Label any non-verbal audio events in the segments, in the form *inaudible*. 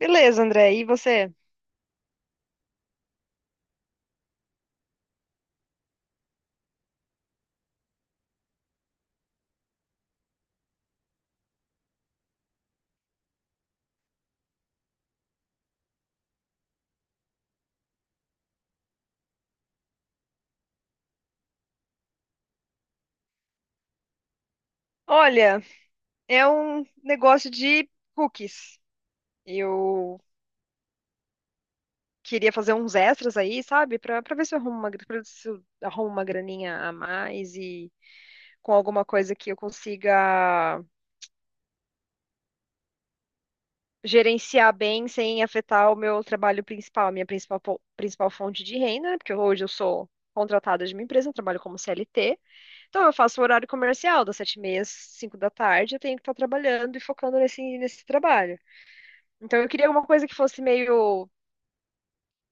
Beleza, André. E você? Olha, é um negócio de cookies. Eu queria fazer uns extras aí, sabe? Pra ver se eu arrumo uma, pra ver se eu arrumo uma graninha a mais e com alguma coisa que eu consiga gerenciar bem sem afetar o meu trabalho principal, a minha principal, principal fonte de renda, né? Porque hoje eu sou contratada de uma empresa, eu trabalho como CLT. Então eu faço o horário comercial das 7:30 às 5 da tarde, eu tenho que estar trabalhando e focando nesse trabalho. Então eu queria alguma coisa que fosse meio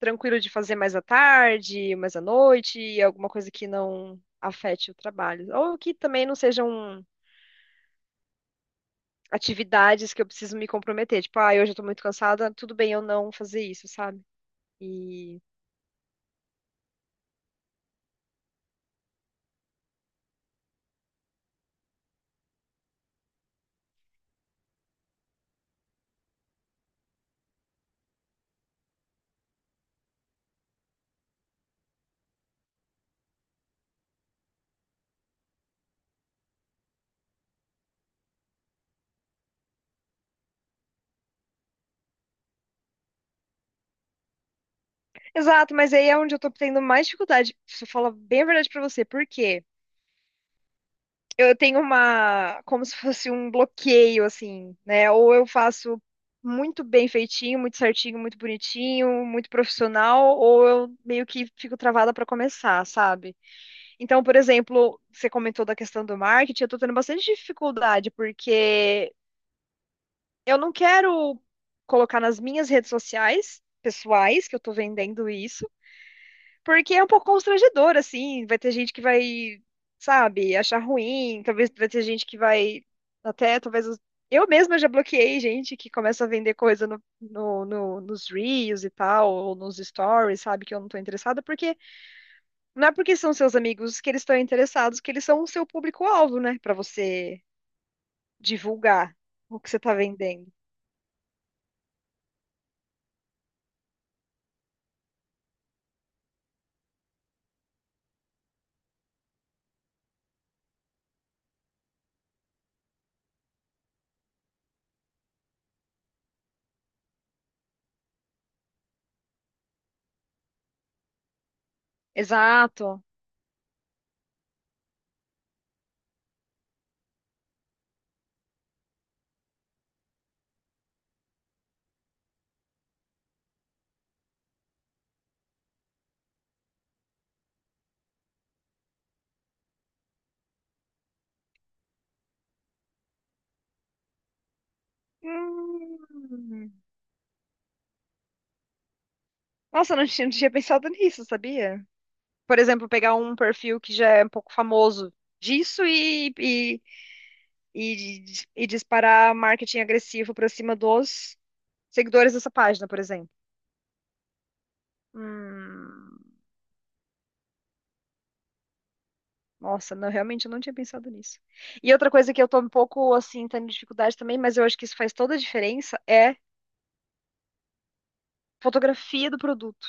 tranquilo de fazer mais à tarde, mais à noite, alguma coisa que não afete o trabalho. Ou que também não sejam atividades que eu preciso me comprometer. Tipo, ah, hoje eu tô muito cansada, tudo bem eu não fazer isso, sabe? E... Exato, mas aí é onde eu tô tendo mais dificuldade. Se eu falar bem a verdade pra você, por quê? Eu tenho uma, como se fosse um bloqueio, assim, né? Ou eu faço muito bem feitinho, muito certinho, muito bonitinho, muito profissional, ou eu meio que fico travada para começar, sabe? Então, por exemplo, você comentou da questão do marketing, eu tô tendo bastante dificuldade, porque eu não quero colocar nas minhas redes sociais pessoais que eu tô vendendo isso porque é um pouco constrangedor, assim. Vai ter gente que vai, sabe, achar ruim. Talvez vai ter gente que vai. Até, talvez. Eu mesma já bloqueei gente que começa a vender coisa nos Reels e tal, ou nos stories, sabe, que eu não tô interessada, porque não é porque são seus amigos que eles estão interessados, que eles são o seu público-alvo, né? Pra você divulgar o que você tá vendendo. Exato. Hum. Nossa, eu não tinha, não tinha pensado nisso, sabia? Por exemplo, pegar um perfil que já é um pouco famoso disso e, e disparar marketing agressivo para cima dos seguidores dessa página, por exemplo. Hum, nossa, não, realmente eu não tinha pensado nisso. E outra coisa que eu tô um pouco assim, tendo dificuldade também, mas eu acho que isso faz toda a diferença, é fotografia do produto.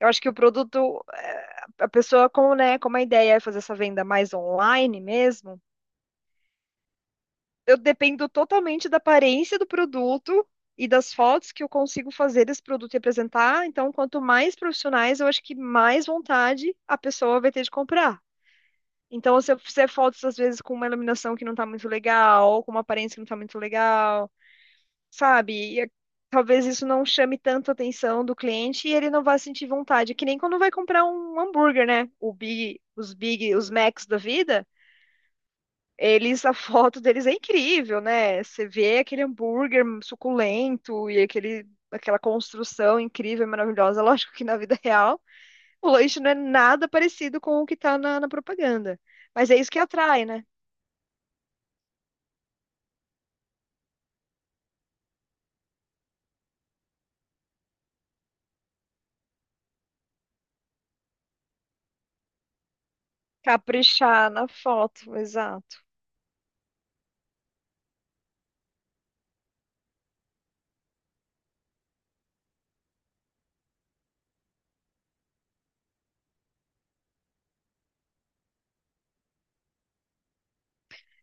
Eu acho que o produto, a pessoa com, né, com uma ideia é fazer essa venda mais online mesmo, eu dependo totalmente da aparência do produto e das fotos que eu consigo fazer desse produto e apresentar. Então, quanto mais profissionais, eu acho que mais vontade a pessoa vai ter de comprar. Então, se eu fizer fotos, às vezes, com uma iluminação que não tá muito legal, ou com uma aparência que não tá muito legal, sabe? E talvez isso não chame tanto a atenção do cliente e ele não vai sentir vontade. Que nem quando vai comprar um hambúrguer, né? O Big, os Macs da vida. Eles, a foto deles é incrível, né? Você vê aquele hambúrguer suculento e aquela construção incrível e maravilhosa. Lógico que na vida *laughs* real o lanche não é nada parecido com o que tá na propaganda. Mas é isso que atrai, né? Caprichar na foto, exato.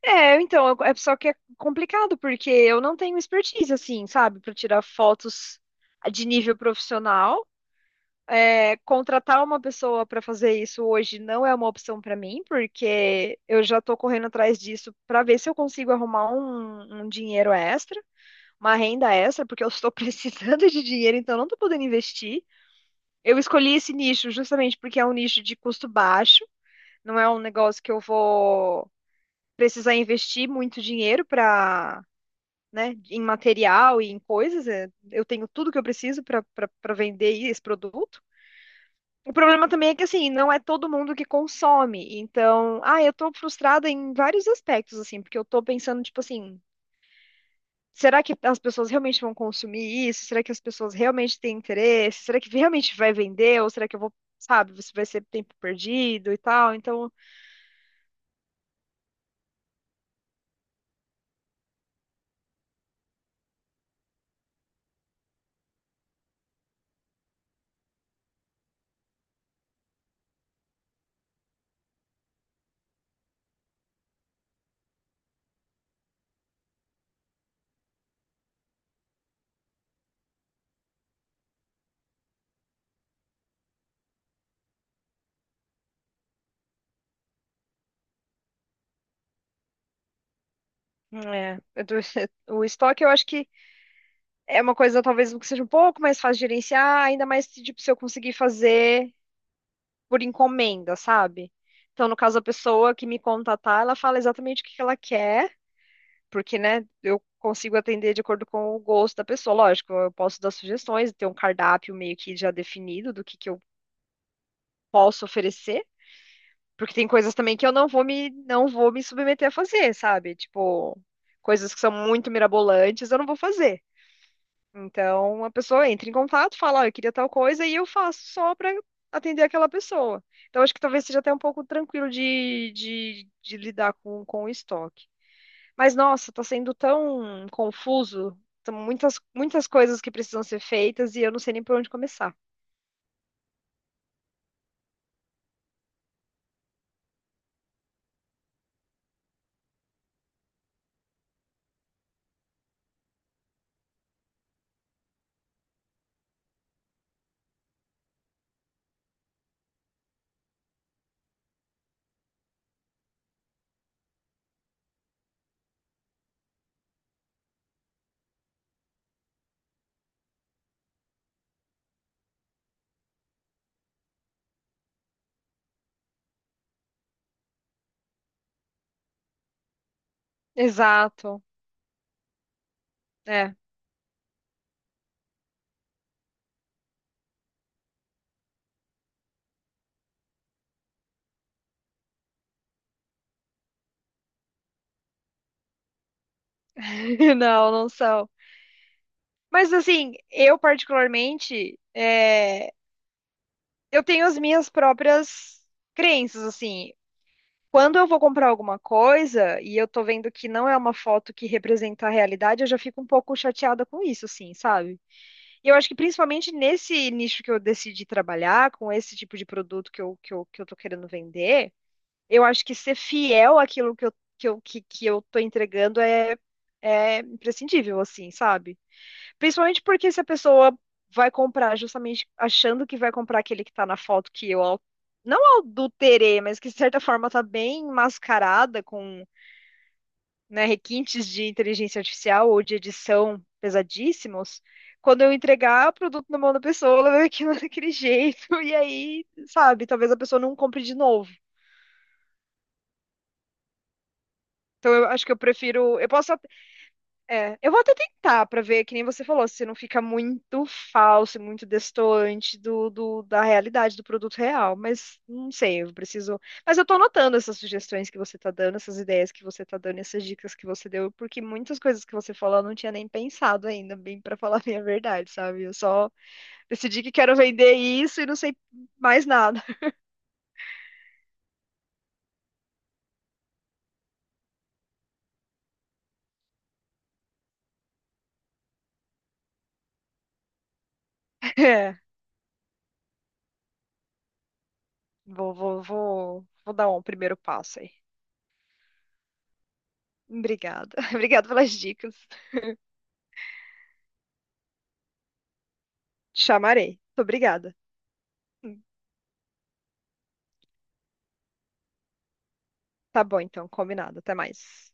É, então, é só que é complicado, porque eu não tenho expertise, assim, sabe, para tirar fotos de nível profissional. Contratar uma pessoa para fazer isso hoje não é uma opção para mim, porque eu já estou correndo atrás disso para ver se eu consigo arrumar um dinheiro extra, uma renda extra, porque eu estou *laughs* precisando de dinheiro, então eu não estou podendo investir. Eu escolhi esse nicho justamente porque é um nicho de custo baixo, não é um negócio que eu vou precisar investir muito dinheiro para, né, em material e em coisas. Eu tenho tudo que eu preciso para para vender esse produto. O problema também é que, assim, não é todo mundo que consome. Então, ah, eu tô frustrada em vários aspectos, assim, porque eu tô pensando, tipo assim, será que as pessoas realmente vão consumir isso? Será que as pessoas realmente têm interesse? Será que realmente vai vender? Ou será que eu vou, sabe, isso vai ser tempo perdido e tal? Então, é, *laughs* o estoque eu acho que é uma coisa talvez que seja um pouco mais fácil de gerenciar, ainda mais se, tipo, se eu conseguir fazer por encomenda, sabe? Então, no caso, a pessoa que me contatar, ela fala exatamente o que que ela quer. Porque, né, eu consigo atender de acordo com o gosto da pessoa. Lógico, eu posso dar sugestões, ter um cardápio meio que já definido do que eu posso oferecer, porque tem coisas também que eu não vou me não vou me submeter a fazer, sabe? Tipo, coisas que são muito mirabolantes, eu não vou fazer. Então, a pessoa entra em contato, fala, "Ó, eu queria tal coisa e eu faço só para atender aquela pessoa. Então, acho que talvez seja até um pouco tranquilo de lidar com o estoque. Mas nossa, tá sendo tão confuso. São muitas, muitas coisas que precisam ser feitas e eu não sei nem por onde começar. Exato. É. *laughs* Não, não são. Mas assim, eu particularmente, é, eu tenho as minhas próprias crenças, assim. Quando eu vou comprar alguma coisa e eu tô vendo que não é uma foto que representa a realidade, eu já fico um pouco chateada com isso, assim, sabe? E eu acho que principalmente nesse nicho que eu decidi trabalhar, com esse tipo de produto que eu tô querendo vender, eu acho que ser fiel àquilo que eu tô entregando é, é imprescindível, assim, sabe? Principalmente porque se a pessoa vai comprar justamente achando que vai comprar aquele que tá na foto que eu não adulterei, mas que de certa forma tá bem mascarada com, né, requintes de inteligência artificial ou de edição pesadíssimos, quando eu entregar o produto na mão da pessoa, ela vai ver aquilo daquele jeito, *laughs* e aí, sabe, talvez a pessoa não compre de novo. Então eu acho que eu prefiro. Eu posso É, eu vou até tentar pra ver, que nem você falou, se não fica muito falso, muito destoante do, da realidade, do produto real, mas não sei, eu preciso. Mas eu tô anotando essas sugestões que você tá dando, essas ideias que você tá dando, essas dicas que você deu, porque muitas coisas que você falou eu não tinha nem pensado ainda, bem pra falar *laughs* a minha verdade, sabe? Eu só decidi que quero vender isso e não sei mais nada. *laughs* É, vou dar um primeiro passo aí. Obrigada. *laughs* Obrigada pelas dicas. Te chamarei. Muito obrigada. Tá bom, então, combinado. Até mais.